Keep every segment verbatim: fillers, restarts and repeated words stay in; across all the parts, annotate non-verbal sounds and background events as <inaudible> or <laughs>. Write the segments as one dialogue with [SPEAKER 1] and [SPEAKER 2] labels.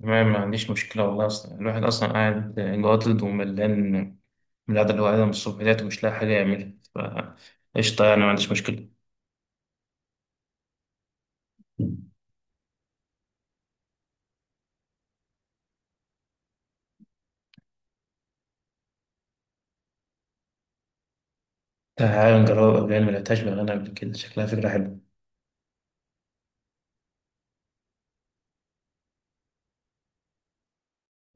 [SPEAKER 1] تمام، ما عنديش مشكلة والله. أصلا الواحد أصلا قاعد جاضد وملان من القعدة اللي هو قاعدها من الصبح ديت ومش لاقي حاجة يعملها، فقشطة يعني. ما عنديش مجمشكلة. تعالى نجربها، قبل ما لقيتهاش بأغاني قبل كده، شكلها فكرة حلوة.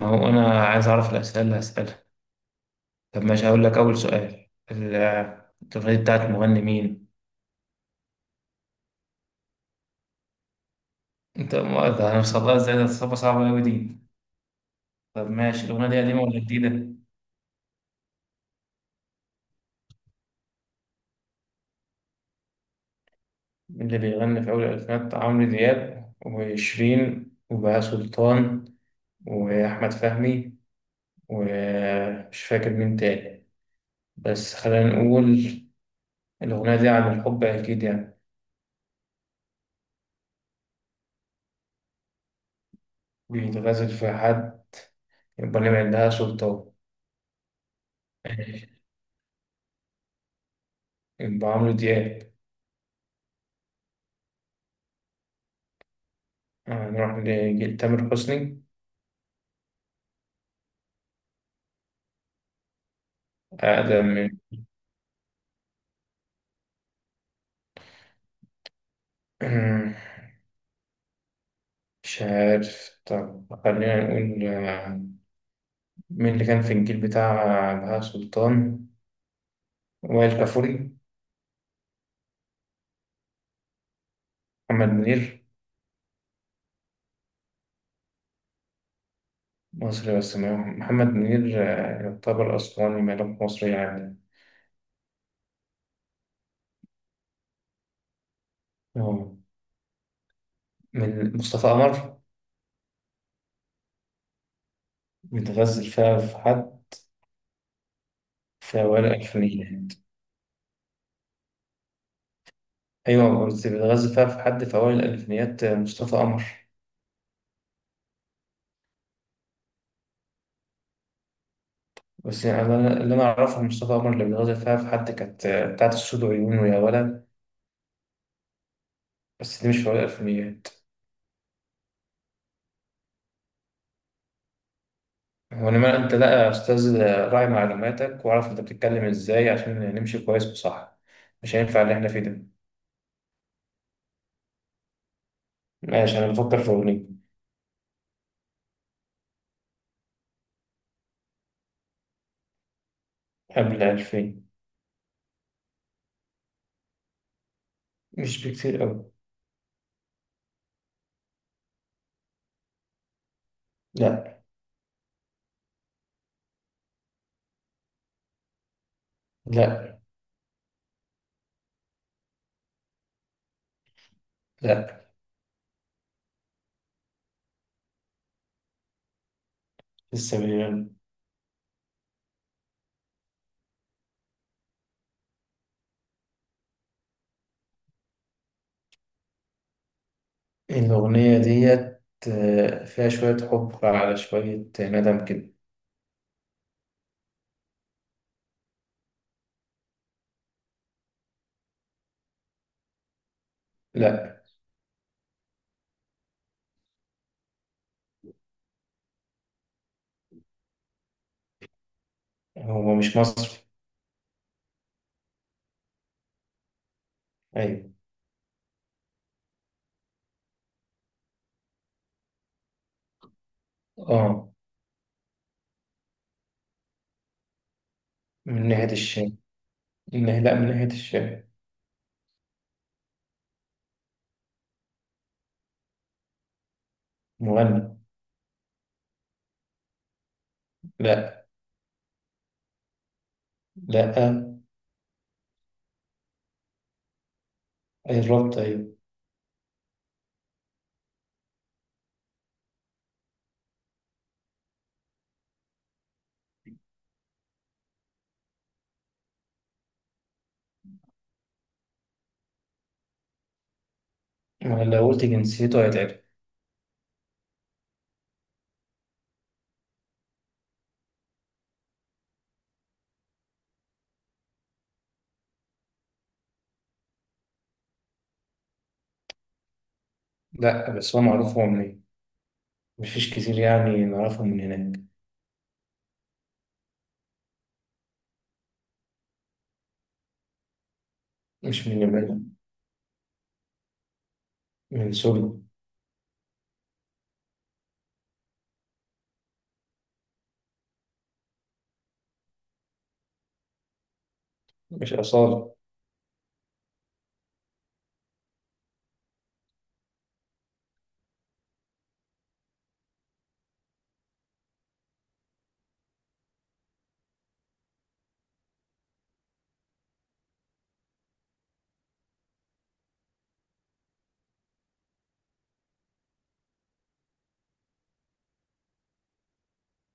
[SPEAKER 1] ما هو أنا عايز أعرف الأسئلة اللي هسألها. طب ماشي، هقول لك أول سؤال. ال- الأغنية دي بتاعت مغني مين؟ أنت ما- ده أنا مصدقها إزاي؟ ده صعبة صعبة أوي دي. طب ماشي، الأغنية دي قديمة ولا جديدة؟ اللي بيغني في أول الألفينات عمرو دياب وشيرين وبهاء سلطان وأحمد فهمي، ومش فاكر مين تاني. بس خلينا نقول الأغنية دي عن الحب أكيد يعني. بيتغزل في حد. يبقى نعمل عندها سلطان. يبقى عمرو دياب. هنروح لتامر حسني. أقدم من <clears throat> مش عارف. طب خلينا نقول آه، مين اللي كان في الجيل بتاع بهاء سلطان؟ وائل كفوري؟ محمد منير؟ مصري بس ما- محمد منير آه، يعتبر أسواني، ماله مصري يعني. آه. من مصطفى قمر؟ بيتغزل فيها في حد في أوائل الألفينيات. أيوة، بس بيتغزل فيها في حد في أوائل الألفينيات آه، مصطفى قمر. بس يعني أنا اللي أنا أعرفه عن مصطفى قمر اللي بيتغزل فيها في حد كانت آه، بتاعت السود وعيون ويا ولد. بس دي مش في أوائل الألفينيات. وإنما أنت لا يا أستاذ، آه، راعي معلوماتك وأعرف أنت بتتكلم إزاي عشان نمشي كويس وصح. مش هينفع اللي إحنا فيه ده. ماشي أنا بفكر في أغنية. قبل ألفين. مش بكتير أوي. لا. لا. لا. لسه مليون. الأغنية ديت آه، فيها شوية حب على شوية ندم كده. لا هو مش مصري. أيوة. آه. من ناحية الشعر. من ناحية، لا، من ناحية الشعر. مغني. لا. لا. أي الربط، أيوة. ما لو قلت جنسيته هيتعرف. لا بس هو معروف هو منين. مفيش كتير يعني نعرفهم من هناك. مش من اليمن. من سوريا. مش أصالة.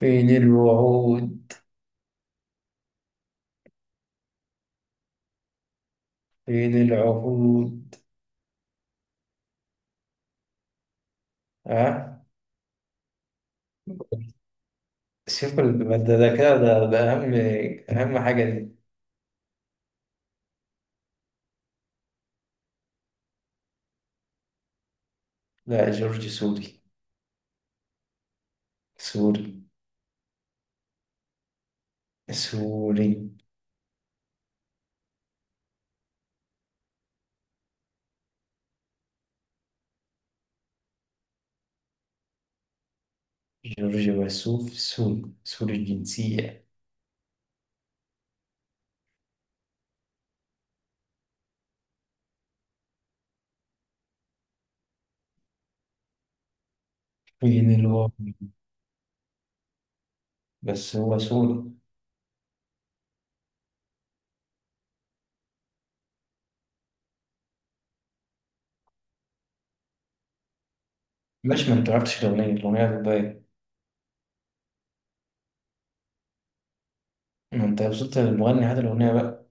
[SPEAKER 1] فين الوعود، فين العهود. ها. شوف ال- ده ده كده ده, ده أهم أهم حاجة دي. لا، جورج سوري. سوري، سوري. جورج وسوف سوري، سوري الجنسية. مين اللي هو؟ بس هو سوري. مش ما انت عرفتش الأغنية الأغنية بتبين. ما انت وصلت للمغني، هات الأغنية بقى.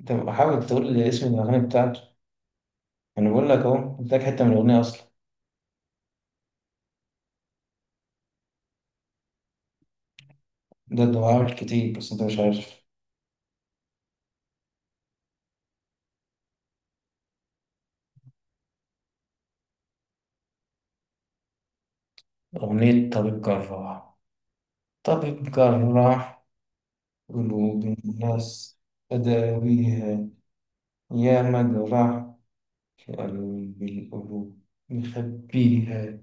[SPEAKER 1] انت حاول تقول لي اسم الأغنية بتاعته. أنا بقول لك أهو، قلت لك حتة من الأغنية أصلا. ده ده عامل كتير بس انت مش عارف. أغنية طبيب جراح. طبيب جراح قلوب الناس، أداويها يا مجرح، كألوم القلوب مخبيها.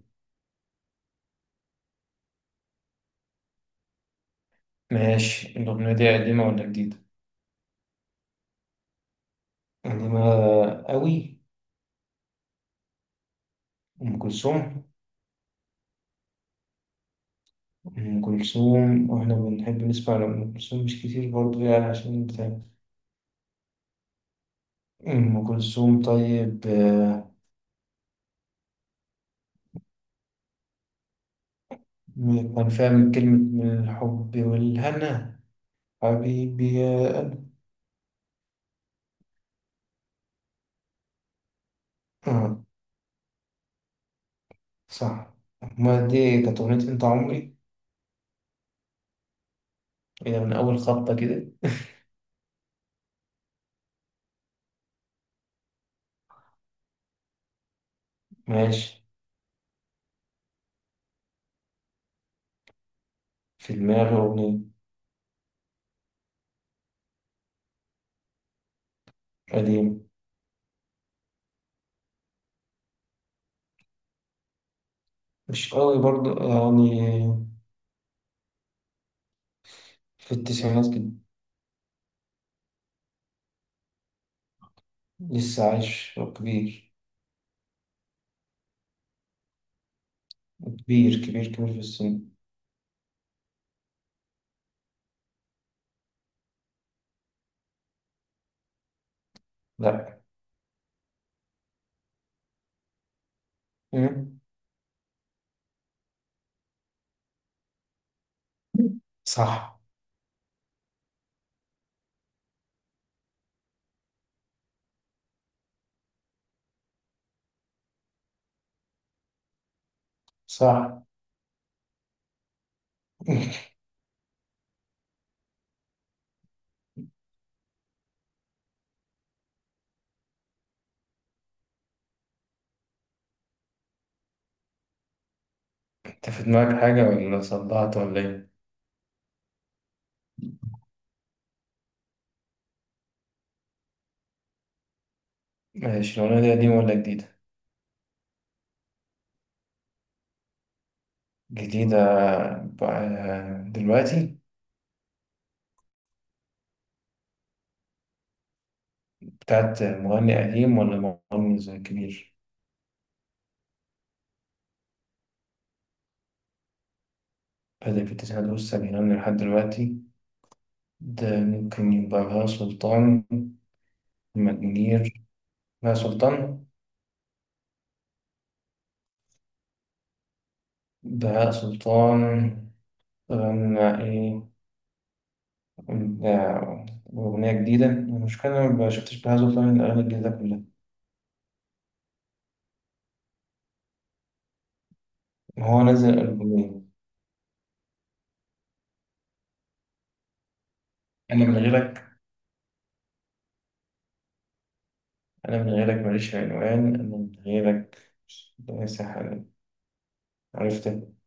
[SPEAKER 1] ماشي، الأغنية دي قديمة ولا جديدة؟ قديمة أوي. أم كلثوم. أم كلثوم، وإحنا بنحب نسمع لأم كلثوم مش كتير برضه يعني، عشان بتاع. أم كلثوم، طيب. آه، كان فيها من كلمة من الحب والهنا. حبيبي يا قلبي. آه، صح. ما دي كانت أغنية أنت عمري. إيه ده من أول خبطة كده؟ ماشي، في دماغي أغنية. قديمة. مش قوي برضه يعني، في التسعينات كده. لسه عايش وكبير. كبير كبير كبير في السن. لأ. مم. صح. صح. <laughs> أنت في دماغك حاجة ولا صدعت ولا إيه؟ ماشي، الأغنية دي قديمة ولا جديدة؟ جديدة بقى دلوقتي. بتاعت مغني قديم ولا مغني زي كبير؟ بدأ في التسعينات والسبعينات لحد دلوقتي. ده ممكن يبقى بهاء سلطان. محمد منير. بهاء سلطان. بهاء سلطان غنى إيه؟ آه، أغنية جديدة، المشكلة أنا ما شفتش بهاء سلطان الأغاني الجديدة كلها. هو نزل ألبومين. أنا من غيرك. أنا من غيرك ماليش عنوان. أنا من غيرك. ليس حالا. عرفت.